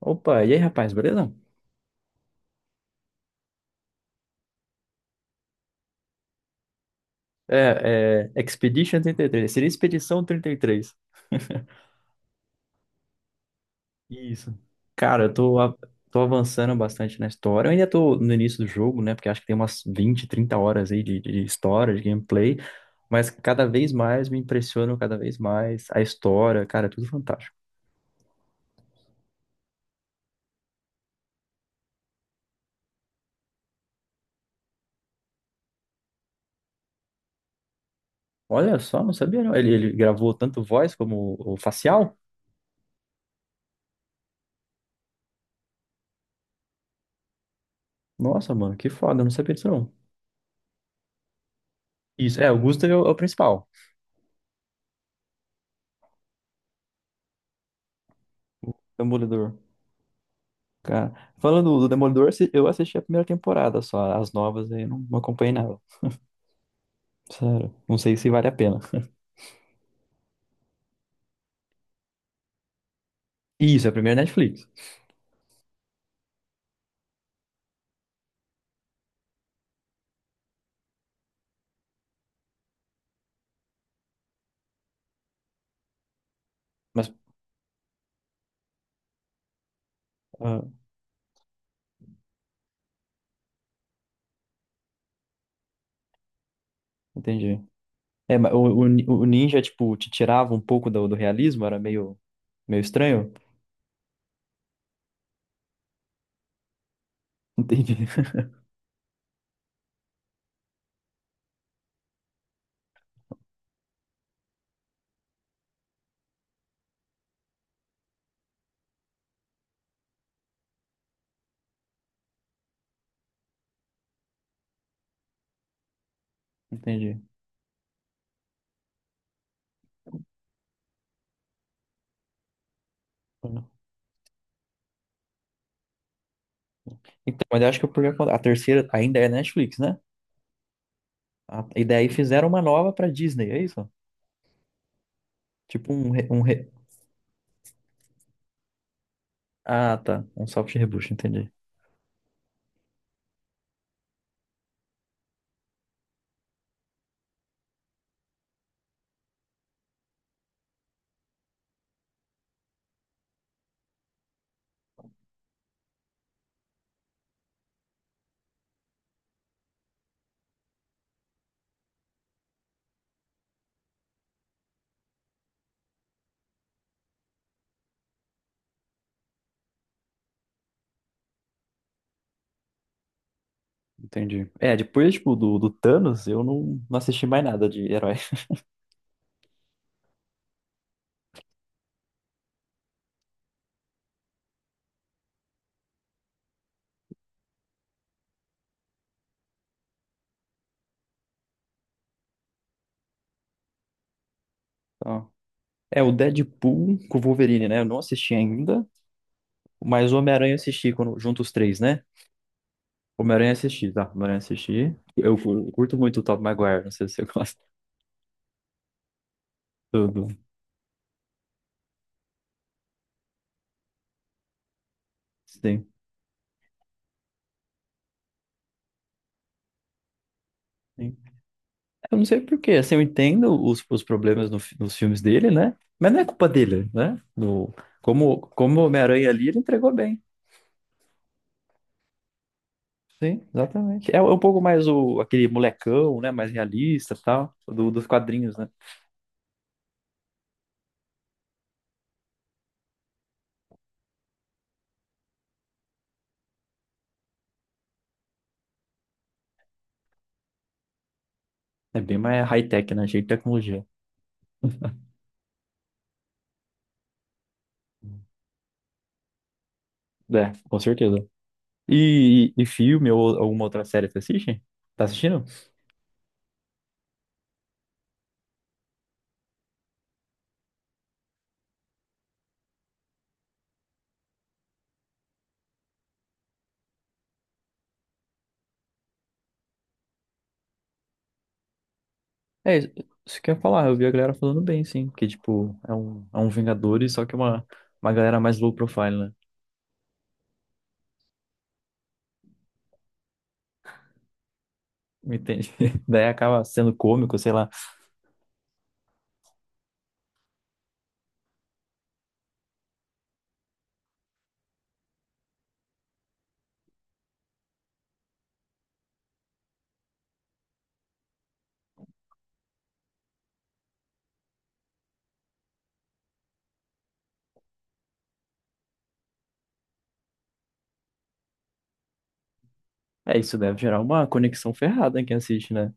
Opa, e aí, rapaz, beleza? É, é Expedition 33. Seria Expedição 33? Isso. Cara, tô avançando bastante na história. Eu ainda tô no início do jogo, né? Porque acho que tem umas 20, 30 horas aí de história, de gameplay. Mas cada vez mais me impressionam cada vez mais a história. Cara, é tudo fantástico. Olha só, não sabia não. Ele gravou tanto voz como o facial? Nossa, mano, que foda, eu não sabia disso não. Isso, é, o Gustav é o, é o principal, Demolidor. Cara, falando do Demolidor, eu assisti a primeira temporada só, as novas aí eu não acompanhei nada. Sério, não sei se vale a pena. Isso, é a primeira Netflix. Mas, ah, entendi. É, mas o Ninja, tipo, te tirava um pouco do realismo, era meio, meio estranho. Entendi, entendi. Então, mas eu acho que o por a terceira ainda é Netflix, né? A, e daí fizeram uma nova pra Disney, é isso? Tipo um, re- um re- Ah, tá. Um soft reboot, entendi. Entendi. É, depois, tipo, do Thanos, eu não assisti mais nada de herói. Então, é, o Deadpool com o Wolverine, né? Eu não assisti ainda, mas o Homem-Aranha eu assisti quando, junto os três, né? Homem-Aranha eu assisti, tá? Homem-Aranha eu assisti. Eu curto muito o Tobey Maguire, não sei se você gosta do... do- Sim, sim. Eu não sei por quê, assim, eu entendo os problemas no fi- nos filmes dele, né? Mas não é culpa dele, né? No, como o Homem-Aranha ali, ele entregou bem. Sim, exatamente. É um pouco mais o, aquele molecão, né? Mais realista e tal, do, dos quadrinhos, né? É bem mais high-tech, né? Cheio de tecnologia. É, com certeza. E filme ou alguma outra série você assiste? Tá assistindo? É, isso que eu ia falar. Eu vi a galera falando bem, sim. Que, tipo, é um Vingadores, só que uma galera mais low profile, né? Entende? Daí acaba sendo cômico, sei lá. É, isso deve gerar uma conexão ferrada em quem assiste, né?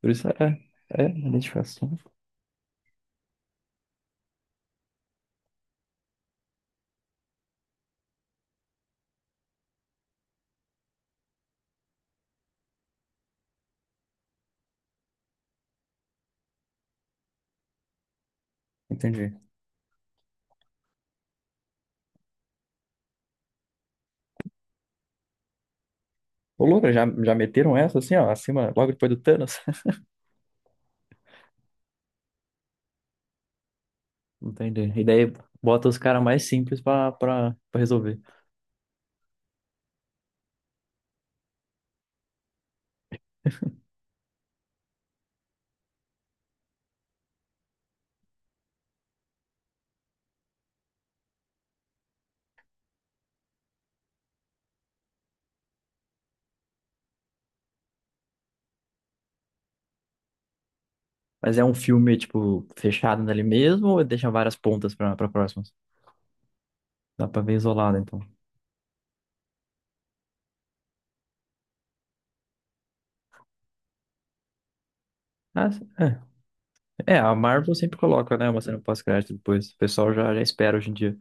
Por isso é, é identificação. Entendi. Ô, louco, já meteram essa assim, ó, acima, logo depois do Thanos? Entendi. E daí bota os caras mais simples pra resolver. Mas é um filme, tipo, fechado nele mesmo ou deixa várias pontas pra próximas? Dá pra ver isolado, então. Ah, é. É, a Marvel sempre coloca, né, uma cena pós-crédito depois. O pessoal já espera hoje em dia.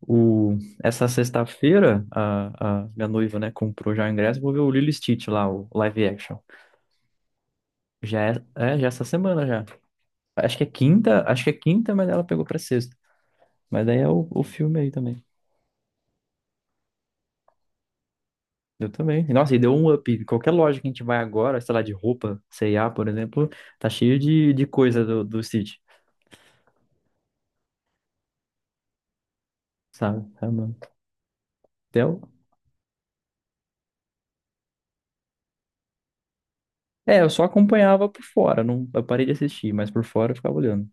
O... Essa sexta-feira, a minha noiva, né, comprou já o ingresso. Vou ver o Lilo e Stitch lá, o live action. Já é, é, já é essa semana já. Acho que é quinta, acho que é quinta, mas ela pegou pra sexta. Mas daí é o filme aí também. Eu também. Nossa, e deu um up. Qualquer loja que a gente vai agora, sei lá, de roupa, C&A, por exemplo, tá cheio de coisa do Stitch, sabe? É, mano. Até é, eu só acompanhava por fora, não, eu parei de assistir, mas por fora eu ficava olhando.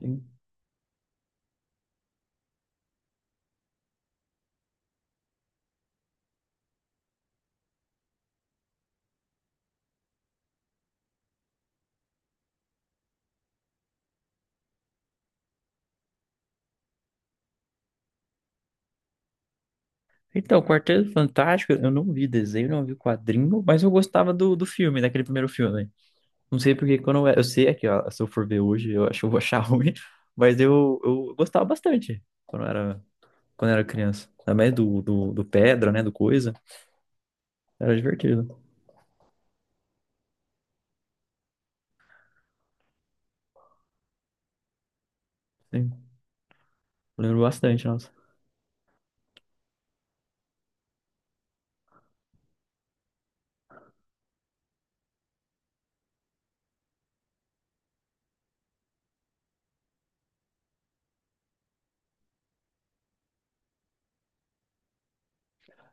Sim. Então, Quarteto Fantástico, eu não vi desenho, não vi quadrinho, mas eu gostava do filme, daquele primeiro filme. Não sei porque eu sei aqui, ó, se eu for ver hoje, eu acho que eu vou achar ruim, mas eu gostava bastante quando eu era quando era criança. Também do Pedra, né? Do Coisa. Era divertido. Sim. Lembro bastante, nossa.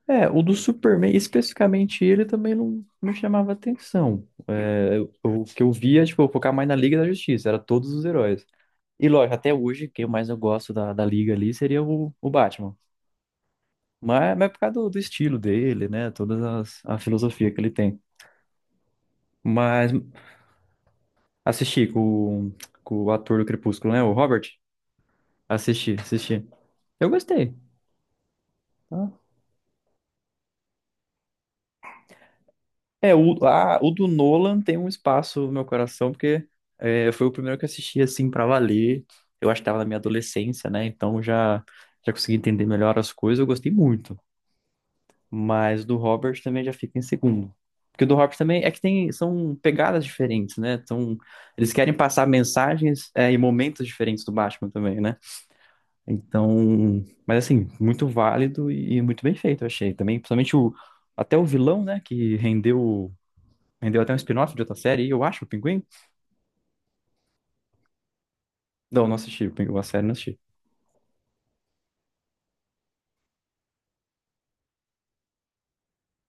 É, o do Superman, especificamente ele, também não me chamava atenção. É, o que eu via, tipo, eu focava mais na Liga da Justiça, era todos os heróis. E lógico, até hoje, quem mais eu gosto da Liga ali seria o Batman. Mas é por causa do estilo dele, né? Toda a filosofia que ele tem. Mas assisti com o ator do Crepúsculo, né? O Robert. Assisti, assisti. Eu gostei. Ah, é, o, ah, o do Nolan tem um espaço no meu coração, porque é, foi o primeiro que eu assisti, assim, pra valer. Eu acho que tava na minha adolescência, né? Então já consegui entender melhor as coisas, eu gostei muito. Mas do Robert também já fica em segundo. Porque o do Robert também é que tem, são pegadas diferentes, né? Então, eles querem passar mensagens, é, e momentos diferentes do Batman também, né? Então, mas assim, muito válido e muito bem feito, eu achei. Também, principalmente o, até o vilão, né? Que rendeu Rendeu até um spin-off de outra série, eu acho, o Pinguim? Não, não assisti, o Pinguim, a série não assisti.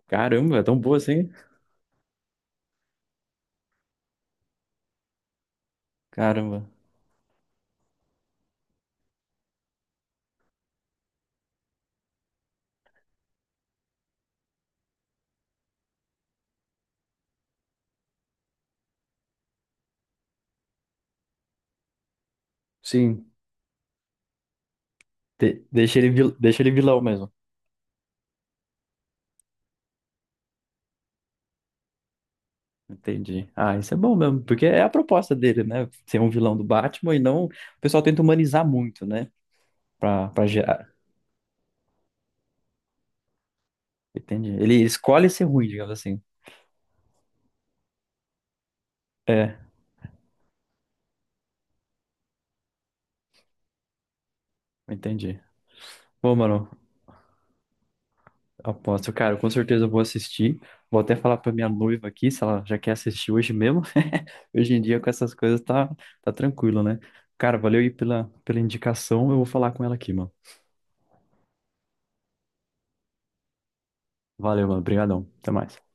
Caramba, é tão boa assim? Caramba. Sim, deixa ele, deixa ele vilão mesmo. Entendi. Ah, isso é bom mesmo, porque é a proposta dele, né? Ser um vilão do Batman e não. O pessoal tenta humanizar muito, né? Pra gerar. Entendi. Ele escolhe ser ruim, digamos assim. É, entendi. Bom, mano, aposto, cara, com certeza eu vou assistir. Vou até falar pra minha noiva aqui, se ela já quer assistir hoje mesmo. Hoje em dia, com essas coisas, tá tranquilo, né? Cara, valeu aí pela indicação. Eu vou falar com ela aqui, mano. Valeu, mano. Obrigadão. Até mais.